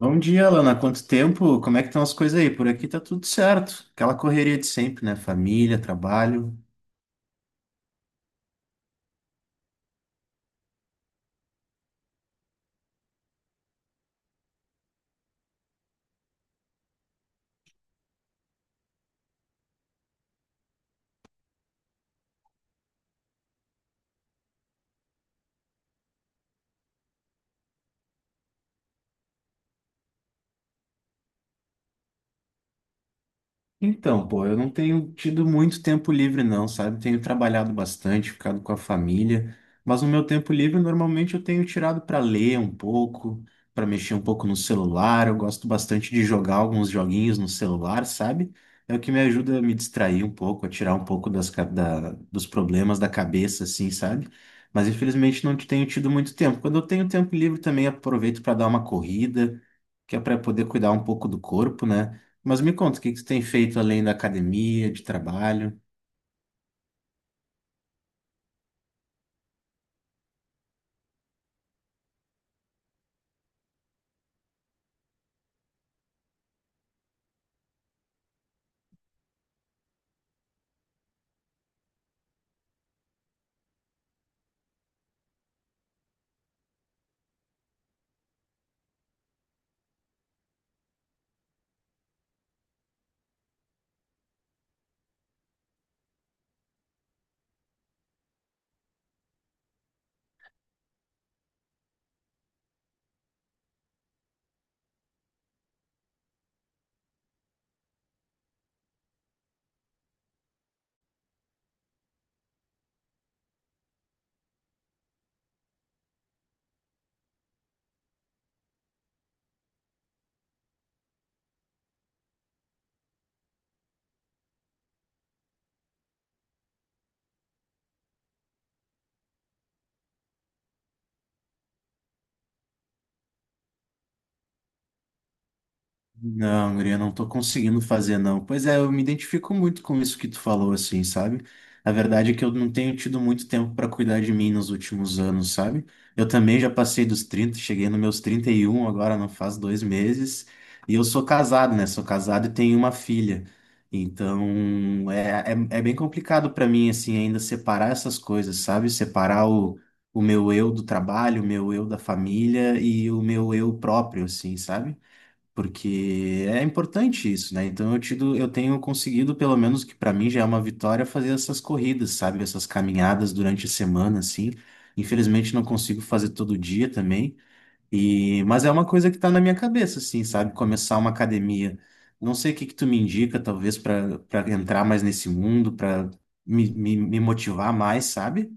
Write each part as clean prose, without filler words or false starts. Bom dia, Lana. Quanto tempo? Como é que estão as coisas aí? Por aqui tá tudo certo. Aquela correria de sempre, né? Família, trabalho. Então, pô, eu não tenho tido muito tempo livre, não, sabe? Tenho trabalhado bastante, ficado com a família, mas no meu tempo livre, normalmente eu tenho tirado para ler um pouco, para mexer um pouco no celular. Eu gosto bastante de jogar alguns joguinhos no celular, sabe? É o que me ajuda a me distrair um pouco, a tirar um pouco dos problemas da cabeça, assim, sabe? Mas infelizmente não tenho tido muito tempo. Quando eu tenho tempo livre, também aproveito para dar uma corrida, que é para poder cuidar um pouco do corpo, né? Mas me conta, o que que tu tem feito além da academia, de trabalho? Não, guria, não tô conseguindo fazer, não. Pois é, eu me identifico muito com isso que tu falou, assim, sabe? A verdade é que eu não tenho tido muito tempo pra cuidar de mim nos últimos anos, sabe? Eu também já passei dos 30, cheguei nos meus 31 agora não faz dois meses. E eu sou casado, né? Sou casado e tenho uma filha. Então, é bem complicado pra mim, assim, ainda separar essas coisas, sabe? Separar o meu eu do trabalho, o meu eu da família e o meu eu próprio, assim, sabe? Porque é importante isso, né? Então eu tenho conseguido, pelo menos que para mim já é uma vitória, fazer essas corridas, sabe? Essas caminhadas durante a semana, assim. Infelizmente não consigo fazer todo dia também, e mas é uma coisa que tá na minha cabeça, assim, sabe? Começar uma academia. Não sei o que que tu me indica, talvez para entrar mais nesse mundo, para me motivar mais, sabe?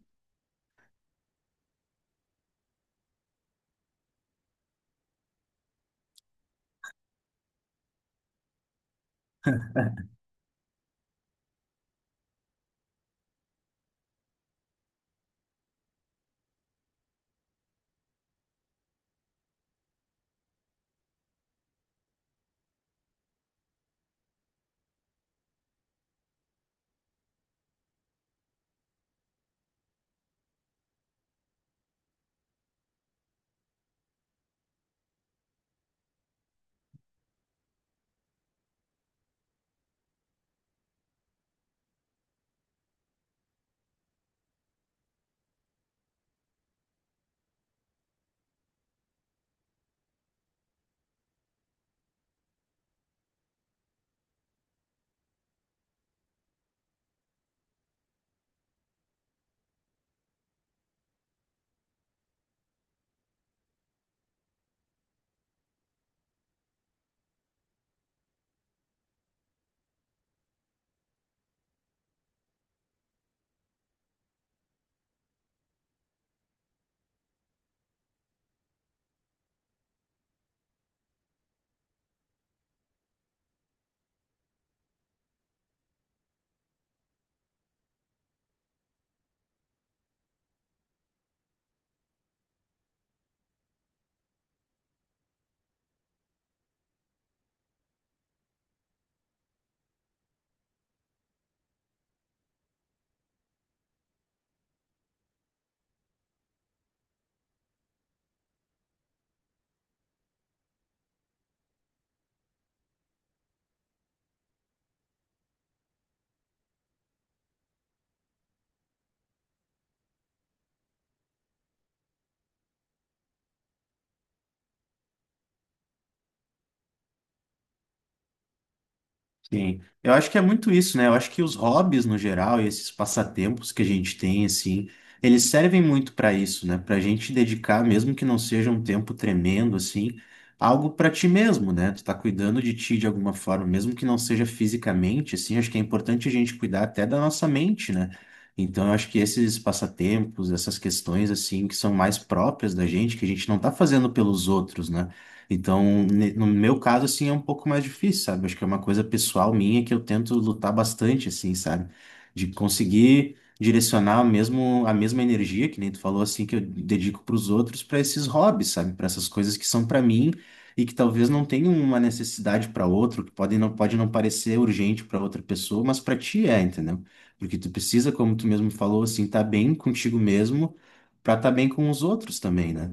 Sim, eu acho que é muito isso, né? Eu acho que os hobbies no geral e esses passatempos que a gente tem, assim, eles servem muito para isso, né? Para a gente dedicar, mesmo que não seja um tempo tremendo, assim, algo para ti mesmo, né? Tu tá cuidando de ti de alguma forma, mesmo que não seja fisicamente, assim, acho que é importante a gente cuidar até da nossa mente, né? Então, eu acho que esses passatempos, essas questões, assim, que são mais próprias da gente, que a gente não tá fazendo pelos outros, né? Então, no meu caso, assim, é um pouco mais difícil, sabe? Acho que é uma coisa pessoal minha que eu tento lutar bastante, assim, sabe? De conseguir direcionar mesmo a mesma energia, que nem tu falou, assim, que eu dedico para os outros, para esses hobbies, sabe? Para essas coisas que são para mim e que talvez não tenham uma necessidade para outro, que pode não parecer urgente para outra pessoa, mas para ti é, entendeu? Porque tu precisa, como tu mesmo falou, assim, estar tá bem contigo mesmo para estar tá bem com os outros também, né?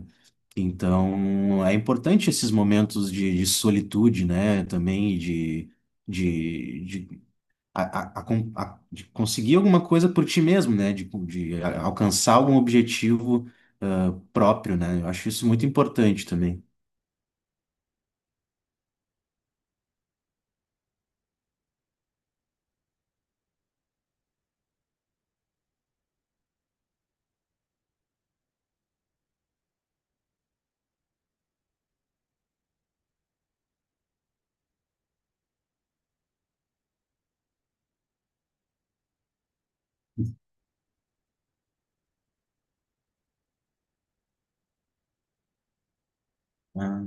Então, é importante esses momentos de solitude, né? Também e de, a con- a- de conseguir alguma coisa por ti mesmo, né? Alcançar algum objetivo próprio, né? Eu acho isso muito importante também. Ah,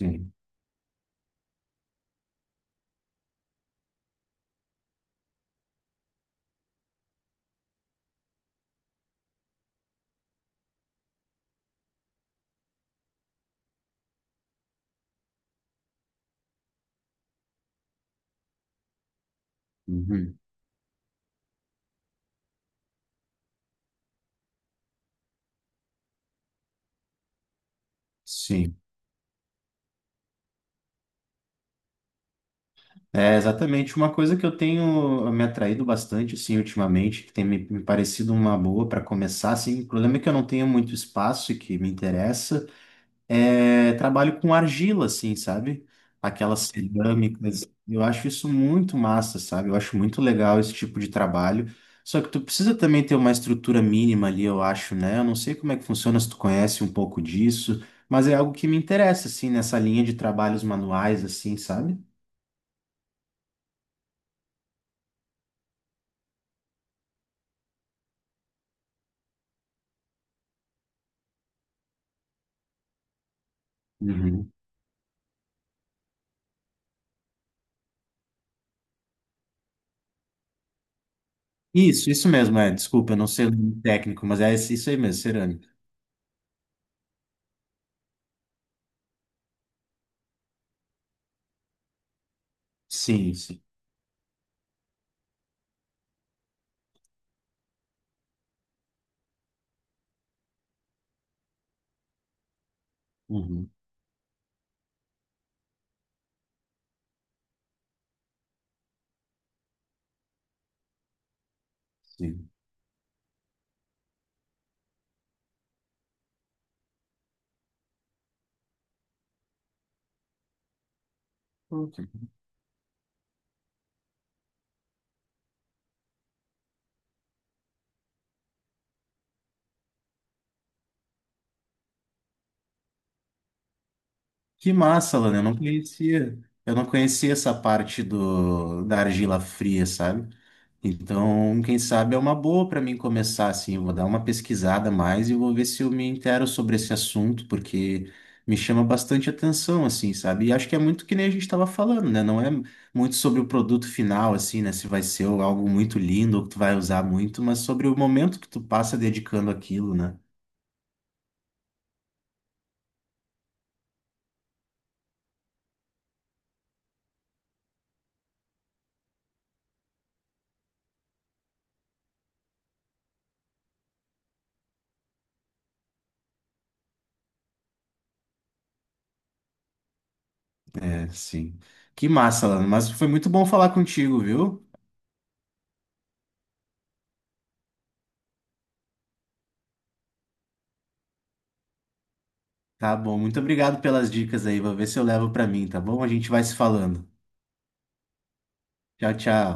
sim. Uhum. Sim. É exatamente uma coisa que eu tenho me atraído bastante, assim, ultimamente, que tem me parecido uma boa para começar, assim. O problema é que eu não tenho muito espaço e que me interessa. É, trabalho com argila, assim, sabe? Aquelas cerâmicas. Eu acho isso muito massa, sabe? Eu acho muito legal esse tipo de trabalho. Só que tu precisa também ter uma estrutura mínima ali, eu acho, né? Eu não sei como é que funciona, se tu conhece um pouco disso, mas é algo que me interessa, assim, nessa linha de trabalhos manuais, assim, sabe? Uhum. Isso mesmo, é. Desculpa, eu não sei o nome técnico, mas é isso aí mesmo, cerâmica. Sim, sim. Uhum, sim. Ok. Que massa, Lana. Eu não conhecia. Eu não conhecia essa parte da argila fria, sabe? Então, quem sabe é uma boa para mim começar assim. Eu vou dar uma pesquisada a mais e vou ver se eu me intero sobre esse assunto, porque me chama bastante atenção, assim, sabe? E acho que é muito que nem a gente estava falando, né? Não é muito sobre o produto final, assim, né? Se vai ser algo muito lindo ou que tu vai usar muito, mas sobre o momento que tu passa dedicando aquilo, né? É, sim. Que massa, Lana. Mas foi muito bom falar contigo, viu? Tá bom, muito obrigado pelas dicas aí. Vou ver se eu levo pra mim, tá bom? A gente vai se falando. Tchau, tchau.